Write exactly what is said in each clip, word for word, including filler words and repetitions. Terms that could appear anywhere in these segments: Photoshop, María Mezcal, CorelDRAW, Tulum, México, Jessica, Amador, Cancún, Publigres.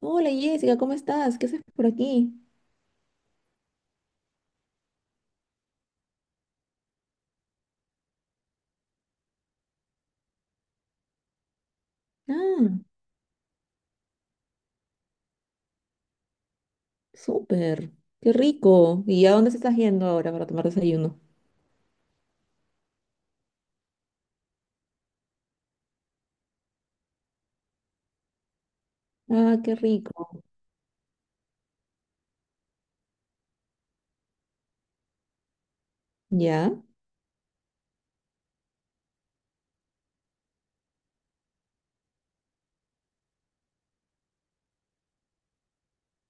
Hola Jessica, ¿cómo estás? ¿Qué haces por aquí? Ah, súper, qué rico. ¿Y a dónde se estás yendo ahora para tomar desayuno? Ah, qué rico. ¿Ya?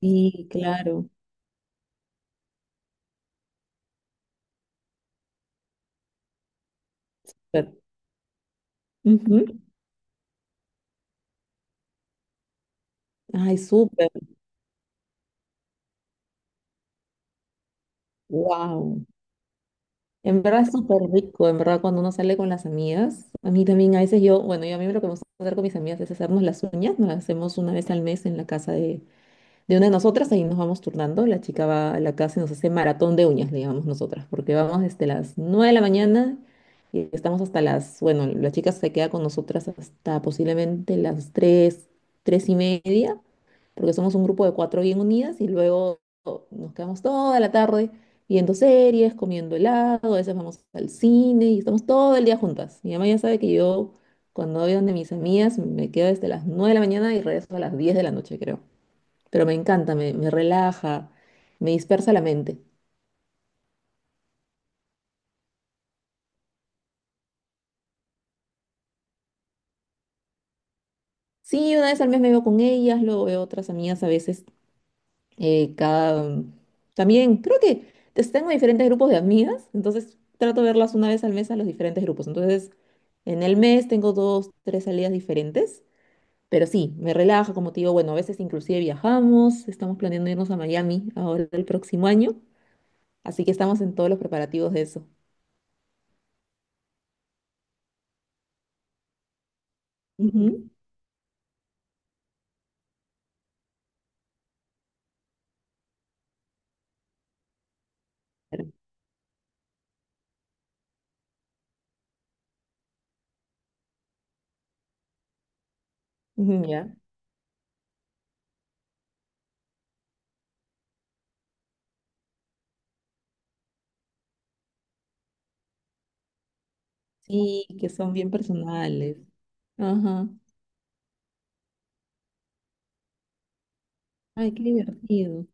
Sí, claro. Súper. Ujú. Ay, súper. Wow. En verdad es súper rico, en verdad cuando uno sale con las amigas, a mí también a veces yo, bueno, yo a mí lo que me gusta hacer con mis amigas es hacernos las uñas, nos las hacemos una vez al mes en la casa de, de una de nosotras, ahí nos vamos turnando, la chica va a la casa y nos hace maratón de uñas, le llamamos nosotras, porque vamos desde las nueve de la mañana y estamos hasta las, bueno, la chica se queda con nosotras hasta posiblemente las tres, tres y media, porque somos un grupo de cuatro bien unidas y luego nos quedamos toda la tarde viendo series, comiendo helado, a veces vamos al cine y estamos todo el día juntas. Mi mamá ya sabe que yo. Cuando voy donde mis amigas, me quedo desde las nueve de la mañana y regreso a las diez de la noche, creo, pero me encanta, me, me relaja, me dispersa la mente. Sí, una vez al mes me veo con ellas, luego veo otras amigas a veces, eh, cada. También creo que pues, tengo diferentes grupos de amigas, entonces trato de verlas una vez al mes a los diferentes grupos. Entonces, en el mes tengo dos, tres salidas diferentes, pero sí, me relaja, como te digo, bueno, a veces inclusive viajamos, estamos planeando irnos a Miami ahora el próximo año, así que estamos en todos los preparativos de eso. Ujú. Pero, ujú, ya. Sí, que son bien personales. Ajá. Ay, qué divertido.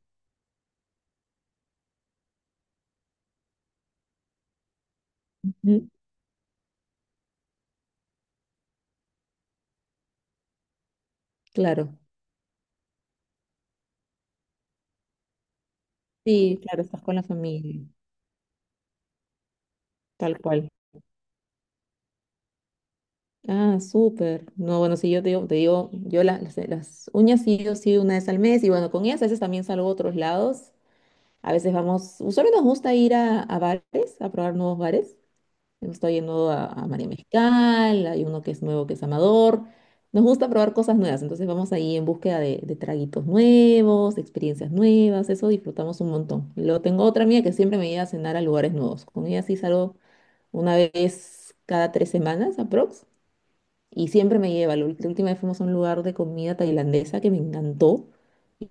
Ujú, claro. Sí, claro, estás con la familia. Tal cual. Ah, súper. No, bueno, sí, yo te digo, te digo, yo la- las, las uñas sí, yo sí una vez al mes y bueno, con ellas a veces también salgo a otros lados. A veces vamos, usualmente nos gusta ir a, a bares, a probar nuevos bares. Hemos estado yendo a, a María Mezcal, hay uno que es nuevo que es Amador. Nos gusta probar cosas nuevas, entonces vamos ahí en búsqueda de, de traguitos nuevos, de experiencias nuevas, eso disfrutamos un montón. Luego tengo otra amiga que siempre me lleva a cenar a lugares nuevos. Con ella sí salgo una vez cada tres semanas, aprox. Y siempre me lleva. La ult- la última vez fuimos a un lugar de comida tailandesa que me encantó.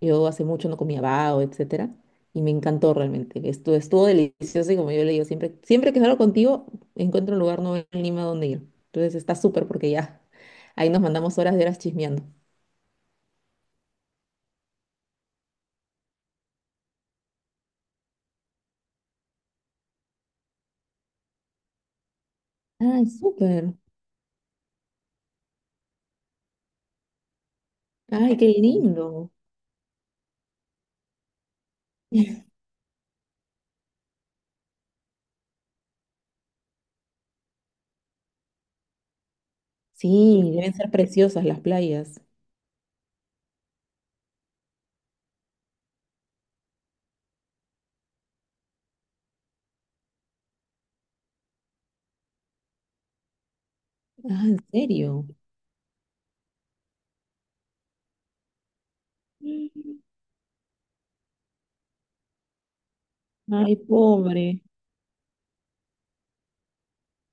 Yo hace mucho no comía bao, etcétera. Y me encantó realmente. Estuvo, estuvo delicioso y como yo le digo, siempre, siempre que salgo contigo, encuentro un lugar nuevo en Lima donde ir. Entonces está súper porque ya ahí nos mandamos horas de horas chismeando. Ay, súper. Ay, qué lindo. Sí, deben ser preciosas las playas. Ah, ¿en serio? Mm. Ay, pobre.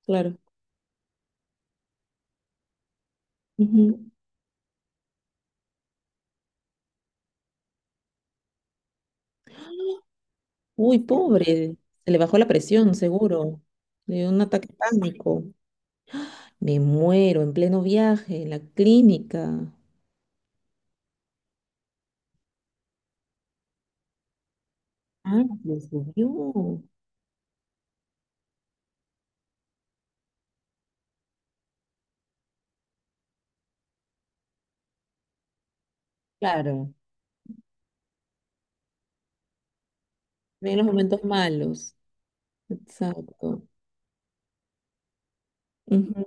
Claro. Uy, pobre, se le bajó la presión, seguro. Le dio un ataque de pánico. Me muero en pleno viaje, en la clínica. Ah, le subió. Claro, en los momentos malos. Exacto. Ujú.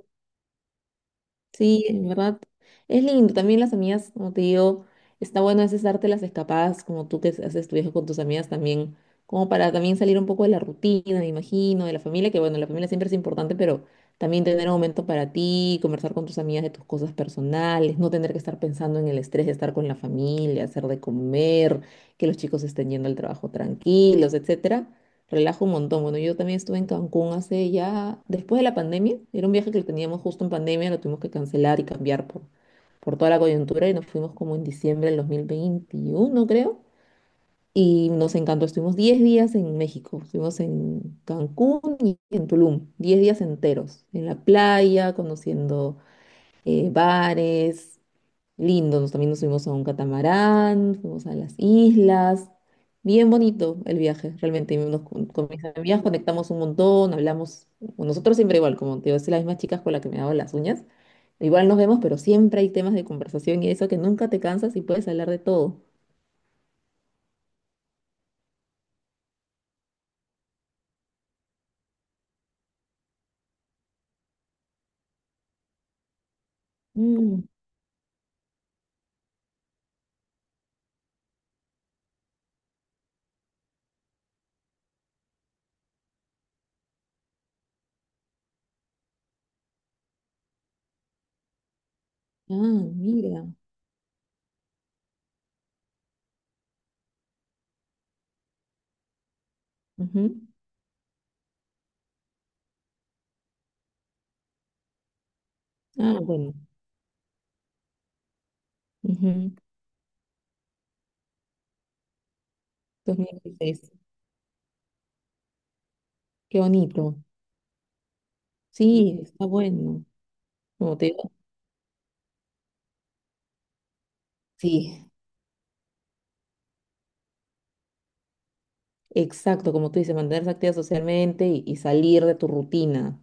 Sí, en verdad es lindo. También las amigas, como te digo, está bueno a veces darte las escapadas, como tú que haces tu viaje con tus amigas también, como para también salir un poco de la rutina, me imagino, de la familia, que bueno, la familia siempre es importante, pero también tener un momento para ti, conversar con tus amigas de tus cosas personales, no tener que estar pensando en el estrés de estar con la familia, hacer de comer, que los chicos estén yendo al trabajo tranquilos, etcétera, relajo un montón. Bueno, yo también estuve en Cancún hace ya, después de la pandemia, era un viaje que teníamos justo en pandemia, lo tuvimos que cancelar y cambiar por, por toda la coyuntura y nos fuimos como en diciembre del dos mil veintiuno, creo. Y nos encantó, estuvimos diez días en México, estuvimos en Cancún y en Tulum, diez días enteros, en la playa, conociendo eh, bares. Lindo, nos, también nos subimos a un catamarán, fuimos a las islas. Bien bonito el viaje, realmente. Nos, con, con mis amigas conectamos un montón, hablamos. Con nosotros siempre igual, como te digo, es las mismas chicas con las que me hago las uñas. Igual nos vemos, pero siempre hay temas de conversación y eso que nunca te cansas y puedes hablar de todo. Mm, ah, mira. Ujú. Ah, bueno. Ujú. dos mil dieciséis. Qué bonito. Sí, está bueno. Como te digo. Sí, exacto, como tú dices, mantenerse activa socialmente y, y salir de tu rutina.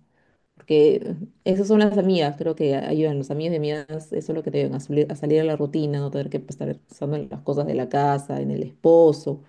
Porque esas son las amigas, creo que ayudan. Los amigos y amigas, eso es lo que te ayudan a, salir a salir de la rutina, no tener que estar pensando en las cosas de la casa, en el esposo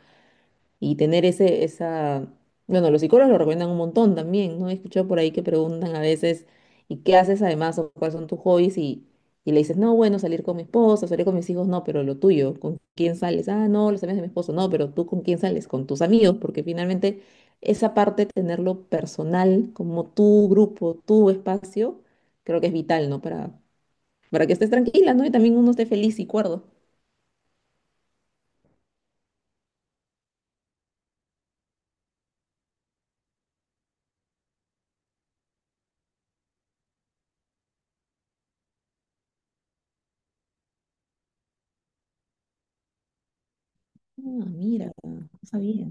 y tener ese, esa, bueno, los psicólogos lo recomiendan un montón también, ¿no? He escuchado por ahí que preguntan a veces, ¿y qué haces además o cuáles son tus hobbies? Y, y le dices, no, bueno, salir con mi esposo, salir con mis hijos, no, pero lo tuyo, ¿con quién sales? Ah, no, los amigos de mi esposo, no, pero tú con quién sales, con tus amigos, porque finalmente esa parte, tenerlo personal, como tu grupo, tu espacio, creo que es vital, ¿no? Para, para que estés tranquila, ¿no? Y también uno esté feliz y cuerdo. Ah, mira, no sabía.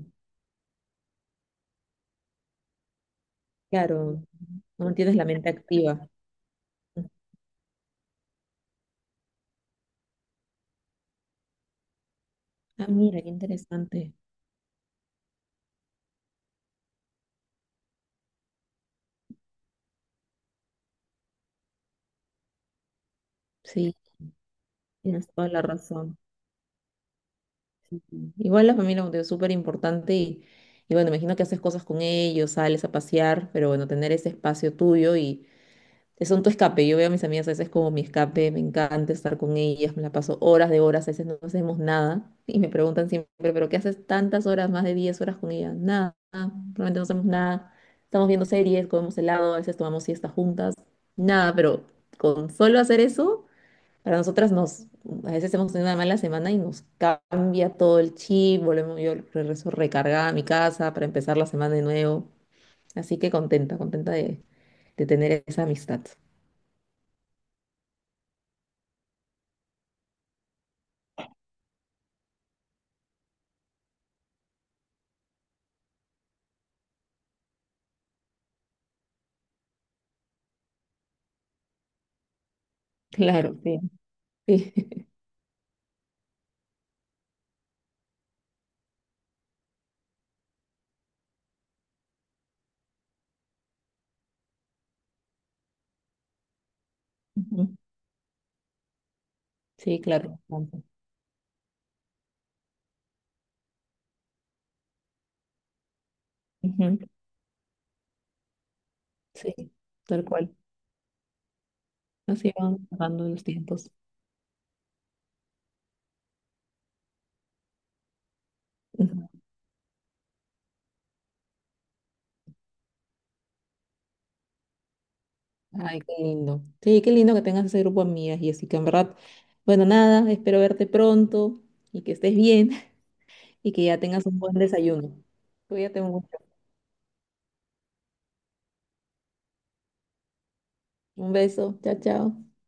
Claro, no tienes la mente activa. Ah, mira, qué interesante. Sí, tienes toda la razón. Sí, sí. Igual la familia, como te digo, es súper importante y, y bueno, imagino que haces cosas con ellos, sales a pasear, pero bueno, tener ese espacio tuyo y son tu escape. Yo veo a mis amigas a veces como mi escape, me encanta estar con ellas, me la paso horas de horas, a veces no hacemos nada y me preguntan siempre, ¿pero qué haces tantas horas, más de diez horas con ellas? Nada, realmente no hacemos nada. Estamos viendo series, comemos helado, a veces tomamos siestas juntas, nada, pero con solo hacer eso, para nosotras nos, a veces hemos tenido una mala semana y nos cambia todo el chip, volvemos, yo regreso recargada a mi casa para empezar la semana de nuevo. Así que contenta, contenta de, de tener esa amistad. Claro, sí, sí. Ujú. Sí, claro, bastante. Ujú. Sí, tal cual. Así van pasando los tiempos. Ujú. Ay, qué lindo. Sí, qué lindo que tengas ese grupo de amigas, y así que en verdad, bueno, nada, espero verte pronto y que estés bien y que ya tengas un buen desayuno. Cuídate mucho. Un beso. Chao, chao.